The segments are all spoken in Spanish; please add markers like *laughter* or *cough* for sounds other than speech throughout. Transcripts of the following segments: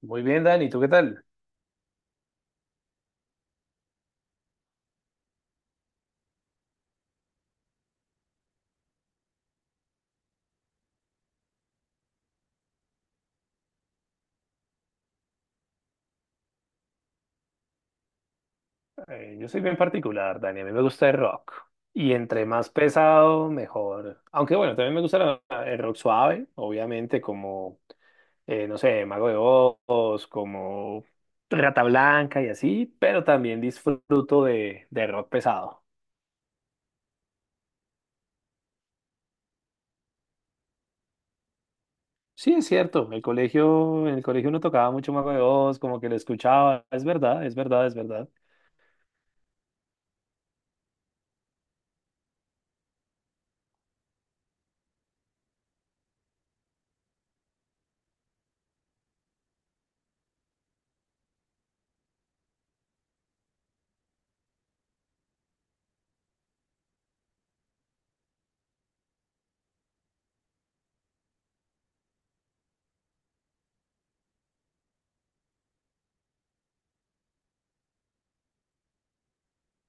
Muy bien, Dani, ¿tú qué tal? Yo soy bien particular, Dani, a mí me gusta el rock. Y entre más pesado, mejor. Aunque bueno, también me gusta el rock suave, obviamente, como, no sé, Mago de Oz, como Rata Blanca y así, pero también disfruto de rock pesado. Sí, es cierto, el colegio, en el colegio uno tocaba mucho Mago de Oz, como que lo escuchaba, es verdad, es verdad, es verdad.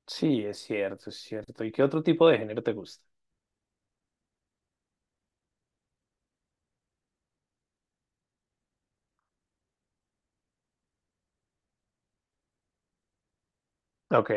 Sí, es cierto, es cierto. ¿Y qué otro tipo de género te gusta? Ok.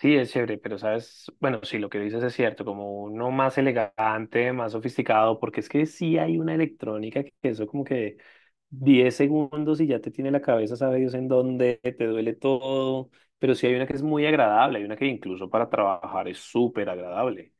Sí, es chévere, pero sabes, bueno, sí, lo que dices es cierto, como uno más elegante, más sofisticado, porque es que sí hay una electrónica que eso como que 10 segundos y ya te tiene la cabeza, sabe Dios en dónde, te duele todo, pero sí hay una que es muy agradable, hay una que incluso para trabajar es súper agradable.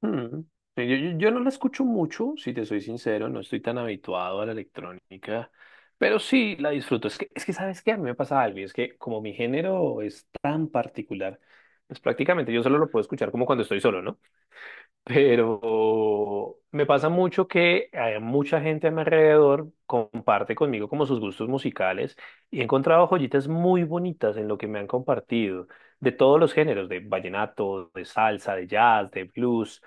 Mm. Sí, yo no la escucho mucho, si te soy sincero, no estoy tan habituado a la electrónica, pero sí la disfruto. Es que ¿sabes qué? A mí me pasa algo, y es que como mi género es tan particular, pues prácticamente yo solo lo puedo escuchar como cuando estoy solo, ¿no? *laughs* Pero me pasa mucho que hay mucha gente a mi alrededor comparte conmigo como sus gustos musicales y he encontrado joyitas muy bonitas en lo que me han compartido, de todos los géneros, de vallenato, de salsa, de jazz, de blues.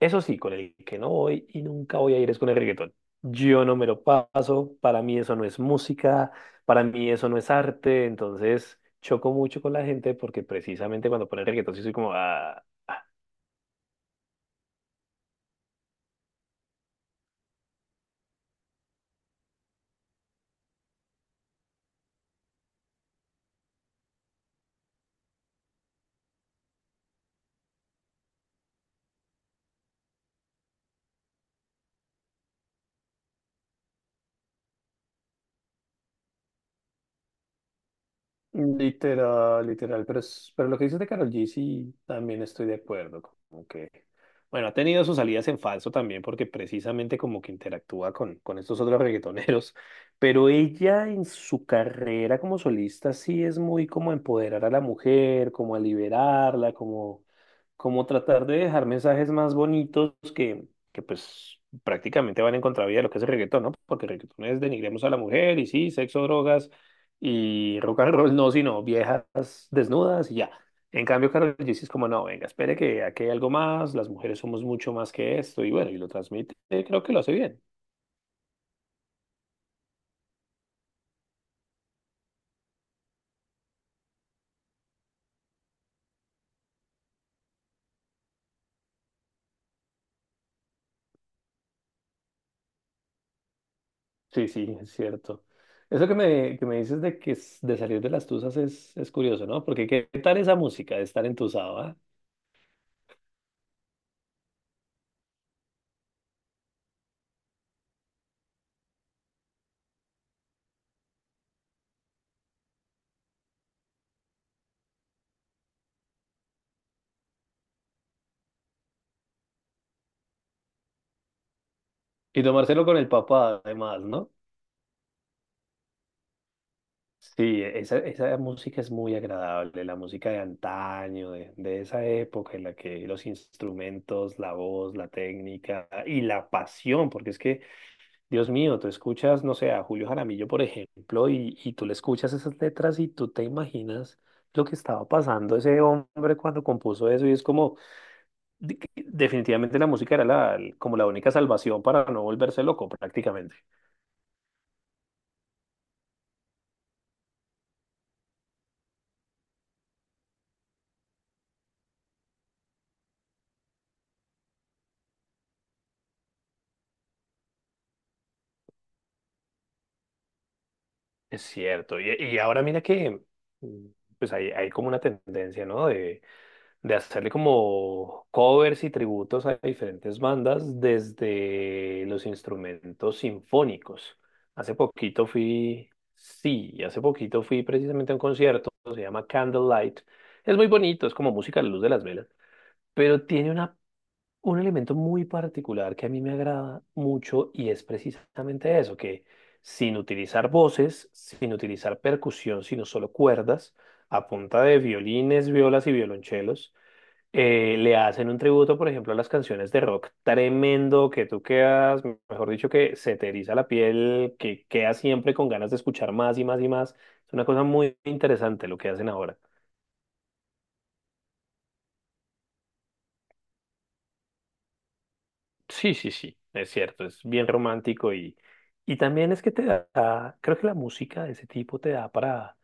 Eso sí, con el que no voy y nunca voy a ir es con el reggaetón. Yo no me lo paso, para mí eso no es música, para mí eso no es arte, entonces choco mucho con la gente porque precisamente cuando ponen reggaetón sí soy como, ah, ah. Literal, literal, pero, pero lo que dices de Karol G sí también estoy de acuerdo, como que, bueno, ha tenido sus salidas en falso también porque precisamente como que interactúa con estos otros reggaetoneros, *laughs* pero ella en su carrera como solista sí es muy como empoderar a la mujer, como a liberarla, como, como tratar de dejar mensajes más bonitos que pues prácticamente van en contravía de lo que es el reggaetón, ¿no? Porque el reggaetón es denigremos a la mujer y sí, sexo, drogas y rock and roll no, sino viejas desnudas y ya. En cambio, Karol G sí es como, no, venga, espere que aquí hay algo más, las mujeres somos mucho más que esto, y bueno, y lo transmite, creo que lo hace bien. Sí, sí, es cierto. Eso que me dices de que de salir de las tuzas es curioso, ¿no? Porque qué tal esa música de estar entusado, ¿ah? Y tomárselo con el papá, además, ¿no? Sí, esa música es muy agradable, la música de antaño, de esa época en la que los instrumentos, la voz, la técnica y la pasión, porque es que, Dios mío, tú escuchas, no sé, a Julio Jaramillo, por ejemplo, y tú le escuchas esas letras y tú te imaginas lo que estaba pasando ese hombre cuando compuso eso y es como, que definitivamente la música era la, como la única salvación para no volverse loco prácticamente. Es cierto. Y ahora mira que mm, pues hay como una tendencia, ¿no? De hacerle como covers y tributos a diferentes bandas desde los instrumentos sinfónicos. Hace poquito fui, sí, hace poquito fui precisamente a un concierto, se llama Candlelight. Es muy bonito, es como música a la luz de las velas, pero tiene una un elemento muy particular que a mí me agrada mucho y es precisamente eso, que sin utilizar voces, sin utilizar percusión, sino solo cuerdas, a punta de violines, violas y violonchelos, le hacen un tributo, por ejemplo, a las canciones de rock tremendo que tú quedas, mejor dicho, que se te eriza la piel, que quedas siempre con ganas de escuchar más y más y más. Es una cosa muy interesante lo que hacen ahora. Sí, sí, sí, es cierto, es bien romántico y también es que te da, creo que la música de ese tipo te da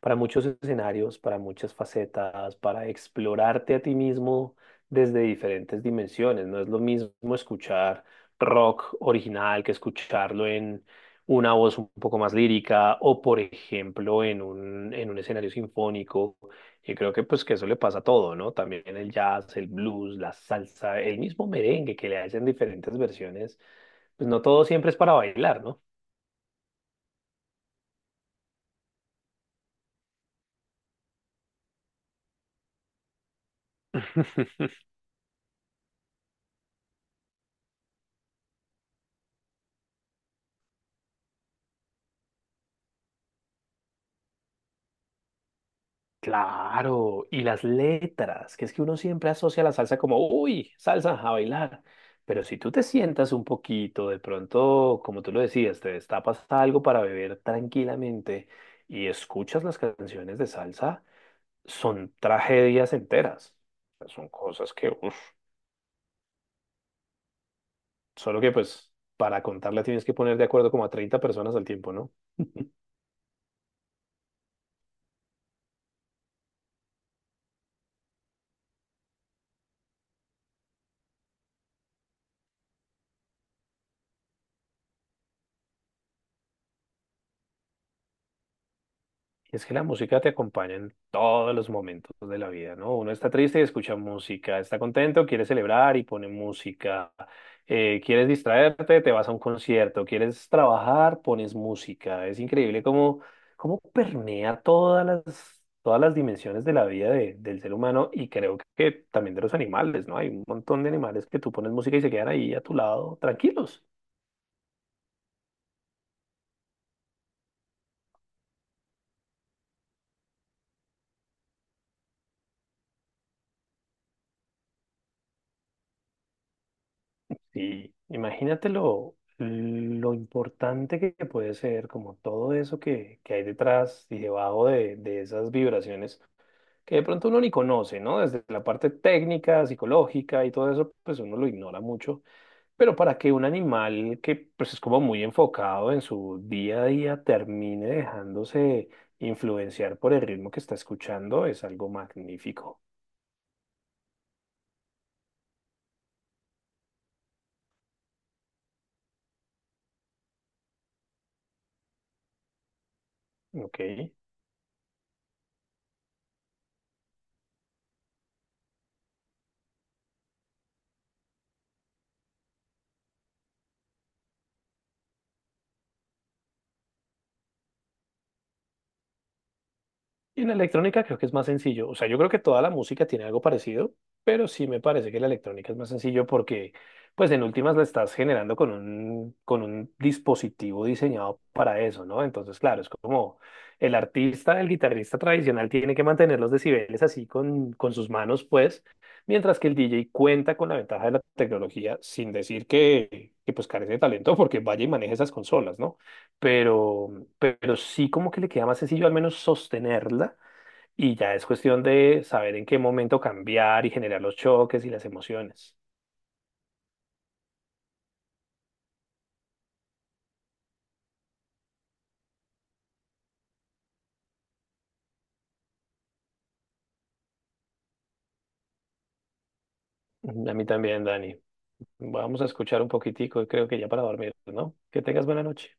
para muchos escenarios, para muchas facetas, para explorarte a ti mismo desde diferentes dimensiones. No es lo mismo escuchar rock original que escucharlo en una voz un poco más lírica o, por ejemplo, en un escenario sinfónico. Y creo que pues que eso le pasa a todo, ¿no? También el jazz, el blues, la salsa, el mismo merengue que le hacen diferentes versiones, pues no todo siempre es para bailar, ¿no? *laughs* Claro, y las letras, que es que uno siempre asocia la salsa como, uy, salsa a bailar. Pero si tú te sientas un poquito, de pronto, como tú lo decías, te destapas algo para beber tranquilamente y escuchas las canciones de salsa, son tragedias enteras. O sea, son cosas que, uf, solo que pues para contarla tienes que poner de acuerdo como a 30 personas al tiempo, ¿no? *laughs* Y es que la música te acompaña en todos los momentos de la vida, ¿no? Uno está triste y escucha música, está contento, quiere celebrar y pone música. Quieres distraerte, te vas a un concierto, quieres trabajar, pones música. Es increíble cómo, cómo permea todas las dimensiones de la vida del ser humano y creo que también de los animales, ¿no? Hay un montón de animales que tú pones música y se quedan ahí a tu lado tranquilos. Sí, imagínate lo importante que puede ser, como todo eso que hay detrás y debajo de esas vibraciones que de pronto uno ni conoce, ¿no? Desde la parte técnica, psicológica y todo eso, pues uno lo ignora mucho. Pero para que un animal que pues es como muy enfocado en su día a día termine dejándose influenciar por el ritmo que está escuchando, es algo magnífico, ¿ok? Y en la electrónica creo que es más sencillo. O sea, yo creo que toda la música tiene algo parecido, pero sí me parece que la electrónica es más sencillo porque, pues, en últimas la estás generando con un dispositivo diseñado para eso, ¿no? Entonces, claro, es como el artista, el guitarrista tradicional tiene que mantener los decibeles así con sus manos, pues, mientras que el DJ cuenta con la ventaja de la tecnología, sin decir que pues, carece de talento porque vaya y maneje esas consolas, ¿no? Pero sí como que le queda más sencillo al menos sostenerla y ya es cuestión de saber en qué momento cambiar y generar los choques y las emociones. Ujú, a mí también, Dani. Vamos a escuchar un poquitico y creo que ya para dormir, ¿no? Que tengas buena noche.